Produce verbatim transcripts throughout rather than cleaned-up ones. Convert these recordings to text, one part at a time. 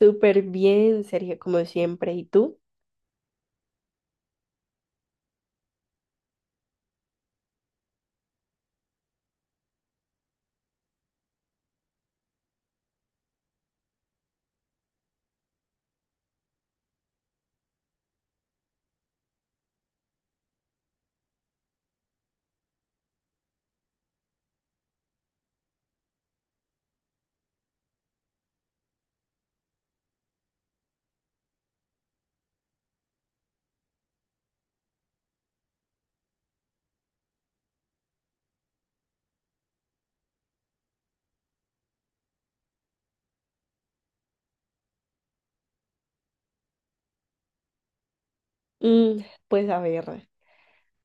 Súper bien, Sergio, como siempre. ¿Y tú? Mm, pues a ver,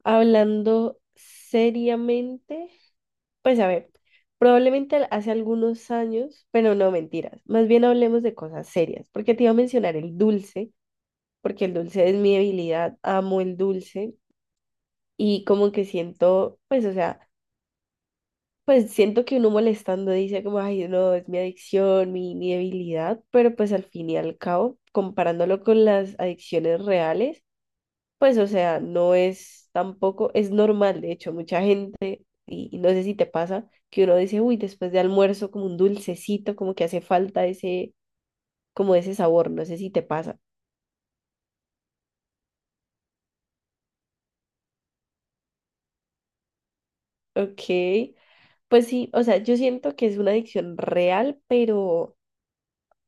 hablando seriamente, pues a ver, probablemente al- hace algunos años, pero no mentiras, más bien hablemos de cosas serias, porque te iba a mencionar el dulce, porque el dulce es mi debilidad, amo el dulce y como que siento, pues o sea, pues siento que uno molestando dice como, ay, no, es mi adicción, mi, mi debilidad, pero pues al fin y al cabo, comparándolo con las adicciones reales, pues, o sea, no es tampoco, es normal, de hecho, mucha gente, y, y no sé si te pasa, que uno dice, uy, después de almuerzo, como un dulcecito, como que hace falta ese, como ese sabor, no sé si te pasa. Ok, pues sí, o sea, yo siento que es una adicción real, pero,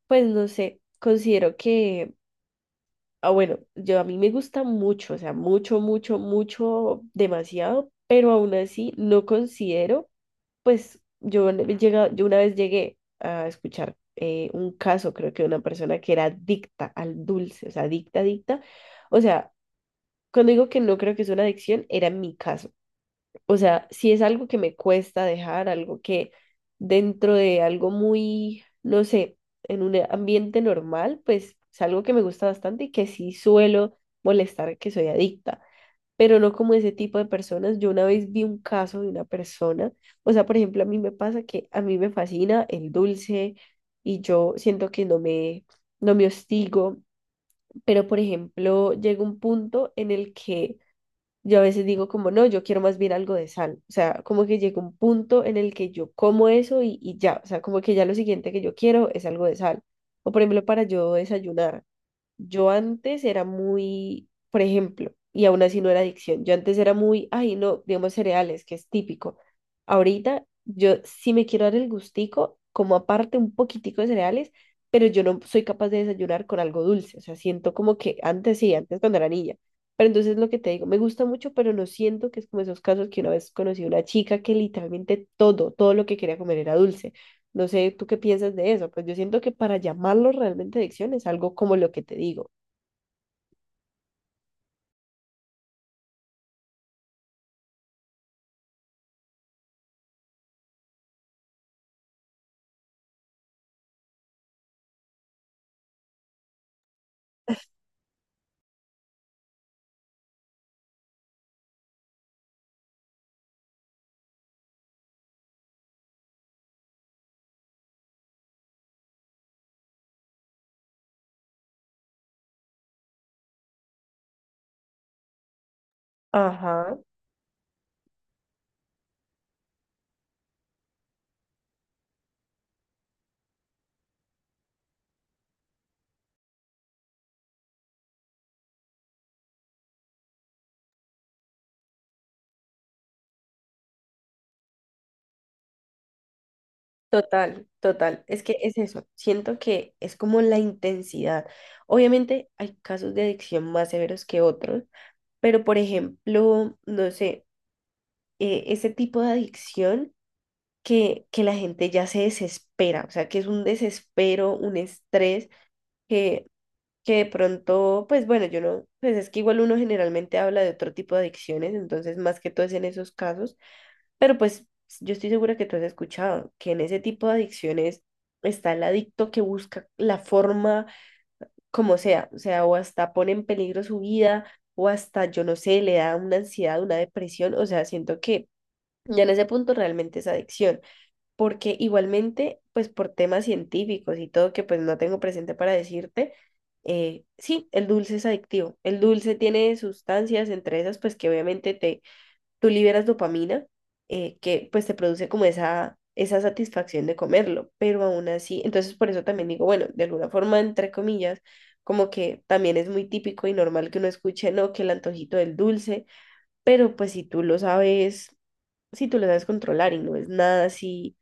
pues no sé, considero que, ah, bueno, yo a mí me gusta mucho, o sea, mucho, mucho, mucho, demasiado, pero aún así no considero. Pues yo, le- llega- yo una vez llegué a escuchar eh, un caso, creo que de una persona que era adicta al dulce, o sea, adicta, adicta. O sea, cuando digo que no creo que es una adicción, era mi caso. O sea, si es algo que me cuesta dejar, algo que dentro de algo muy, no sé, en un ambiente normal, pues es algo que me gusta bastante y que sí suelo molestar que soy adicta, pero no como ese tipo de personas. Yo una vez vi un caso de una persona, o sea, por ejemplo, a mí me pasa que a mí me fascina el dulce y yo siento que no me, no me hostigo, pero por ejemplo, llega un punto en el que yo a veces digo como, no, yo quiero más bien algo de sal, o sea, como que llega un punto en el que yo como eso y, y ya, o sea, como que ya lo siguiente que yo quiero es algo de sal. O por ejemplo, para yo desayunar. Yo antes era muy, por ejemplo, y aún así no era adicción, yo antes era muy, ay, no, digamos cereales, que es típico. Ahorita yo sí me quiero dar el gustico, como aparte un poquitico de cereales, pero yo no soy capaz de desayunar con algo dulce, o sea, siento como que antes sí, antes cuando era niña. Pero entonces lo que te digo, me gusta mucho, pero no siento que es como esos casos que una vez conocí a una chica que literalmente todo, todo lo que quería comer era dulce. No sé, ¿tú qué piensas de eso? Pues yo siento que para llamarlo realmente adicción es algo como lo que te digo. Ajá, total, total. Es que es eso. Siento que es como la intensidad. Obviamente hay casos de adicción más severos que otros, pero por ejemplo, no sé, eh, ese tipo de adicción que, que la gente ya se desespera, o sea, que es un desespero, un estrés, que que de pronto, pues bueno, yo no, pues es que igual uno generalmente habla de otro tipo de adicciones, entonces más que todo es en esos casos, pero pues yo estoy segura que tú has escuchado que en ese tipo de adicciones está el adicto que busca la forma como sea, o sea, o hasta pone en peligro su vida, o hasta, yo no sé, le da una ansiedad, una depresión, o sea, siento que ya en ese punto realmente es adicción porque igualmente, pues por temas científicos y todo que pues no tengo presente para decirte, eh, sí, el dulce es adictivo. El dulce tiene sustancias, entre esas, pues que obviamente te, tú liberas dopamina, eh, que pues te produce como esa, esa satisfacción de comerlo, pero aún así, entonces por eso también digo, bueno, de alguna forma, entre comillas, como que también es muy típico y normal que uno escuche, no, que el antojito del dulce, pero pues si tú lo sabes, si tú lo sabes controlar y no es nada así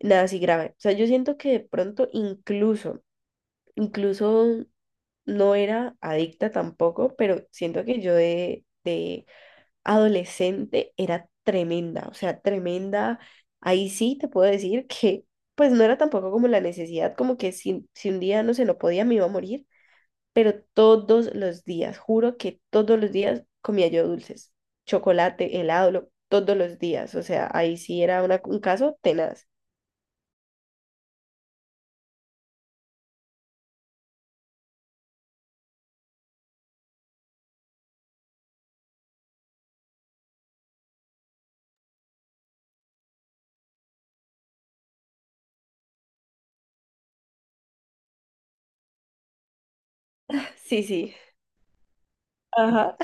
nada así grave. O sea, yo siento que de pronto incluso, incluso no era adicta tampoco, pero siento que yo de, de adolescente era tremenda, o sea, tremenda. Ahí sí te puedo decir que pues no era tampoco como la necesidad, como que si, si un día no se no podía me iba a morir, pero todos los días, juro que todos los días comía yo dulces, chocolate, helado, lo- todos los días, o sea, ahí sí era una- un caso tenaz. Sí, sí. Ajá.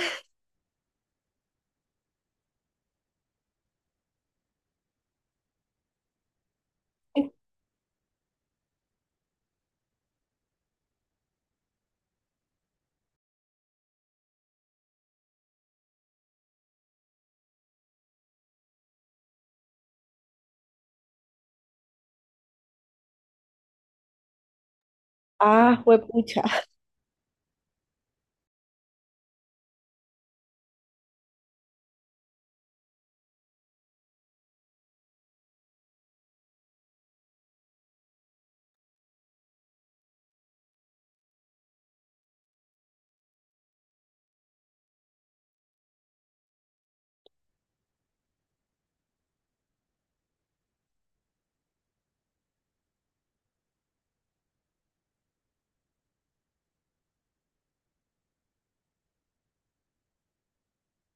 Ah, juepucha.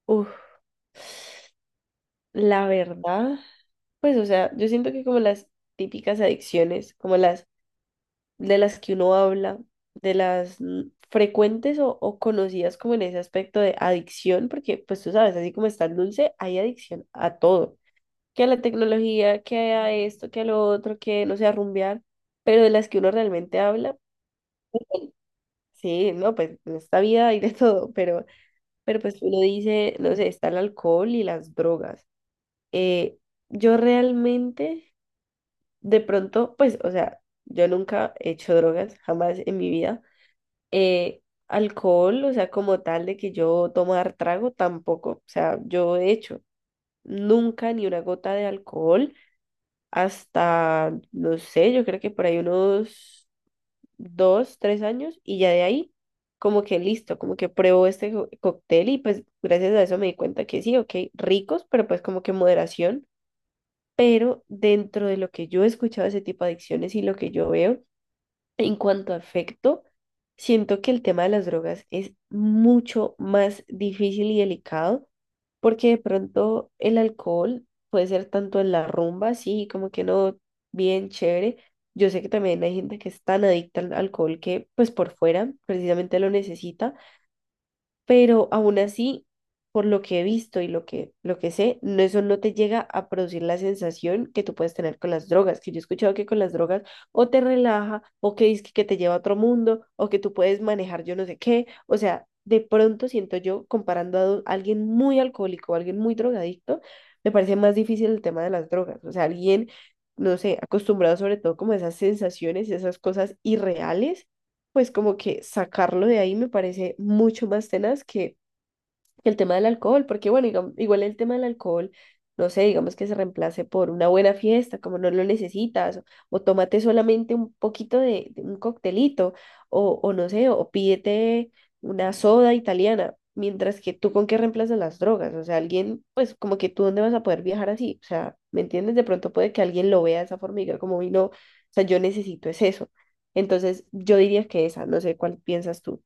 Uf, la verdad, pues, o sea, yo siento que como las típicas adicciones, como las de las que uno habla, de las mm, frecuentes o, o conocidas como en ese aspecto de adicción, porque pues tú sabes, así como está el dulce, hay adicción a todo, que a la tecnología, que a esto, que a lo otro, que no sé, a rumbear, pero de las que uno realmente habla, pues, sí, no, pues en esta vida hay de todo, pero, pero pues uno dice, no sé, está el alcohol y las drogas. eh, yo realmente, de pronto, pues, o sea, yo nunca he hecho drogas, jamás en mi vida. Eh, Alcohol, o sea, como tal de que yo tomar trago, tampoco. O sea, yo he hecho nunca ni una gota de alcohol hasta, no sé, yo creo que por ahí unos dos, tres años y ya de ahí. Como que listo, como que pruebo este co- cóctel y pues gracias a eso me di cuenta que sí, ok, ricos, pero pues como que moderación, pero dentro de lo que yo he escuchado de ese tipo de adicciones y lo que yo veo en cuanto a afecto, siento que el tema de las drogas es mucho más difícil y delicado porque de pronto el alcohol puede ser tanto en la rumba, sí, como que no, bien chévere. Yo sé que también hay gente que es tan adicta al alcohol que pues por fuera precisamente lo necesita, pero aún así, por lo que he visto y lo que, lo que sé, no, eso no te llega a producir la sensación que tú puedes tener con las drogas, que yo he escuchado que con las drogas o te relaja, o que dice que te lleva a otro mundo, o que tú puedes manejar yo no sé qué, o sea, de pronto siento yo, comparando a do- alguien muy alcohólico o alguien muy drogadicto, me parece más difícil el tema de las drogas, o sea, alguien, no sé, acostumbrado sobre todo como a esas sensaciones, esas cosas irreales, pues como que sacarlo de ahí me parece mucho más tenaz que que el tema del alcohol, porque bueno, digam- igual el tema del alcohol, no sé, digamos que se reemplace por una buena fiesta, como no lo necesitas, o, o tómate solamente un poquito de, de un coctelito, o, o no sé, o pídete una soda italiana, mientras que tú con qué reemplazas las drogas, o sea, alguien, pues como que tú dónde vas a poder viajar así, o sea, ¿me entiendes? De pronto puede que alguien lo vea de esa forma y diga como, "Uy, no, o sea, yo necesito es eso". Entonces, yo diría que esa, no sé cuál piensas tú.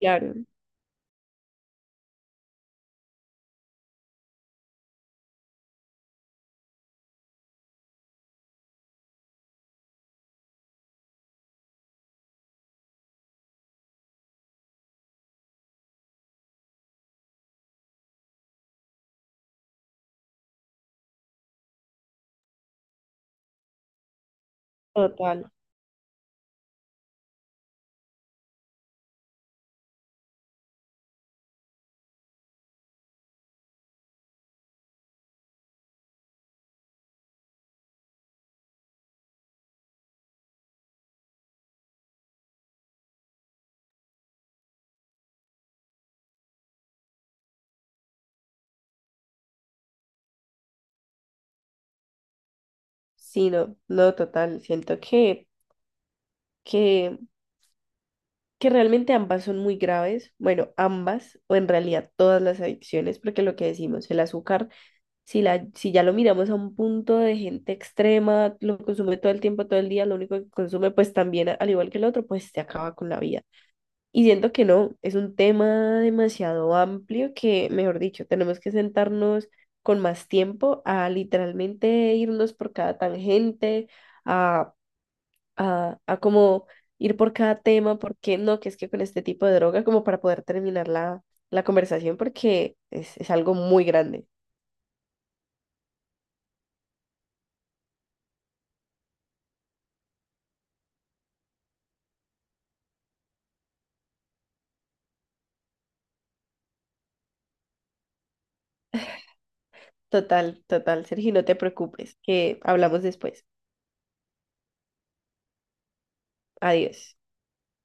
Claro, total. Sí, no, no, total. Siento que, que, que realmente ambas son muy graves. Bueno, ambas, o en realidad todas las adicciones, porque lo que decimos, el azúcar, si, la, si ya lo miramos a un punto de gente extrema, lo consume todo el tiempo, todo el día, lo único que consume, pues también, al igual que el otro, pues se acaba con la vida. Y siento que no, es un tema demasiado amplio que, mejor dicho, tenemos que sentarnos con más tiempo a literalmente irnos por cada tangente a a, a como ir por cada tema, porque no, que es que con este tipo de droga, como para poder terminar la, la conversación, porque es, es algo muy grande. Total, total, Sergio, no te preocupes, que hablamos después. Adiós.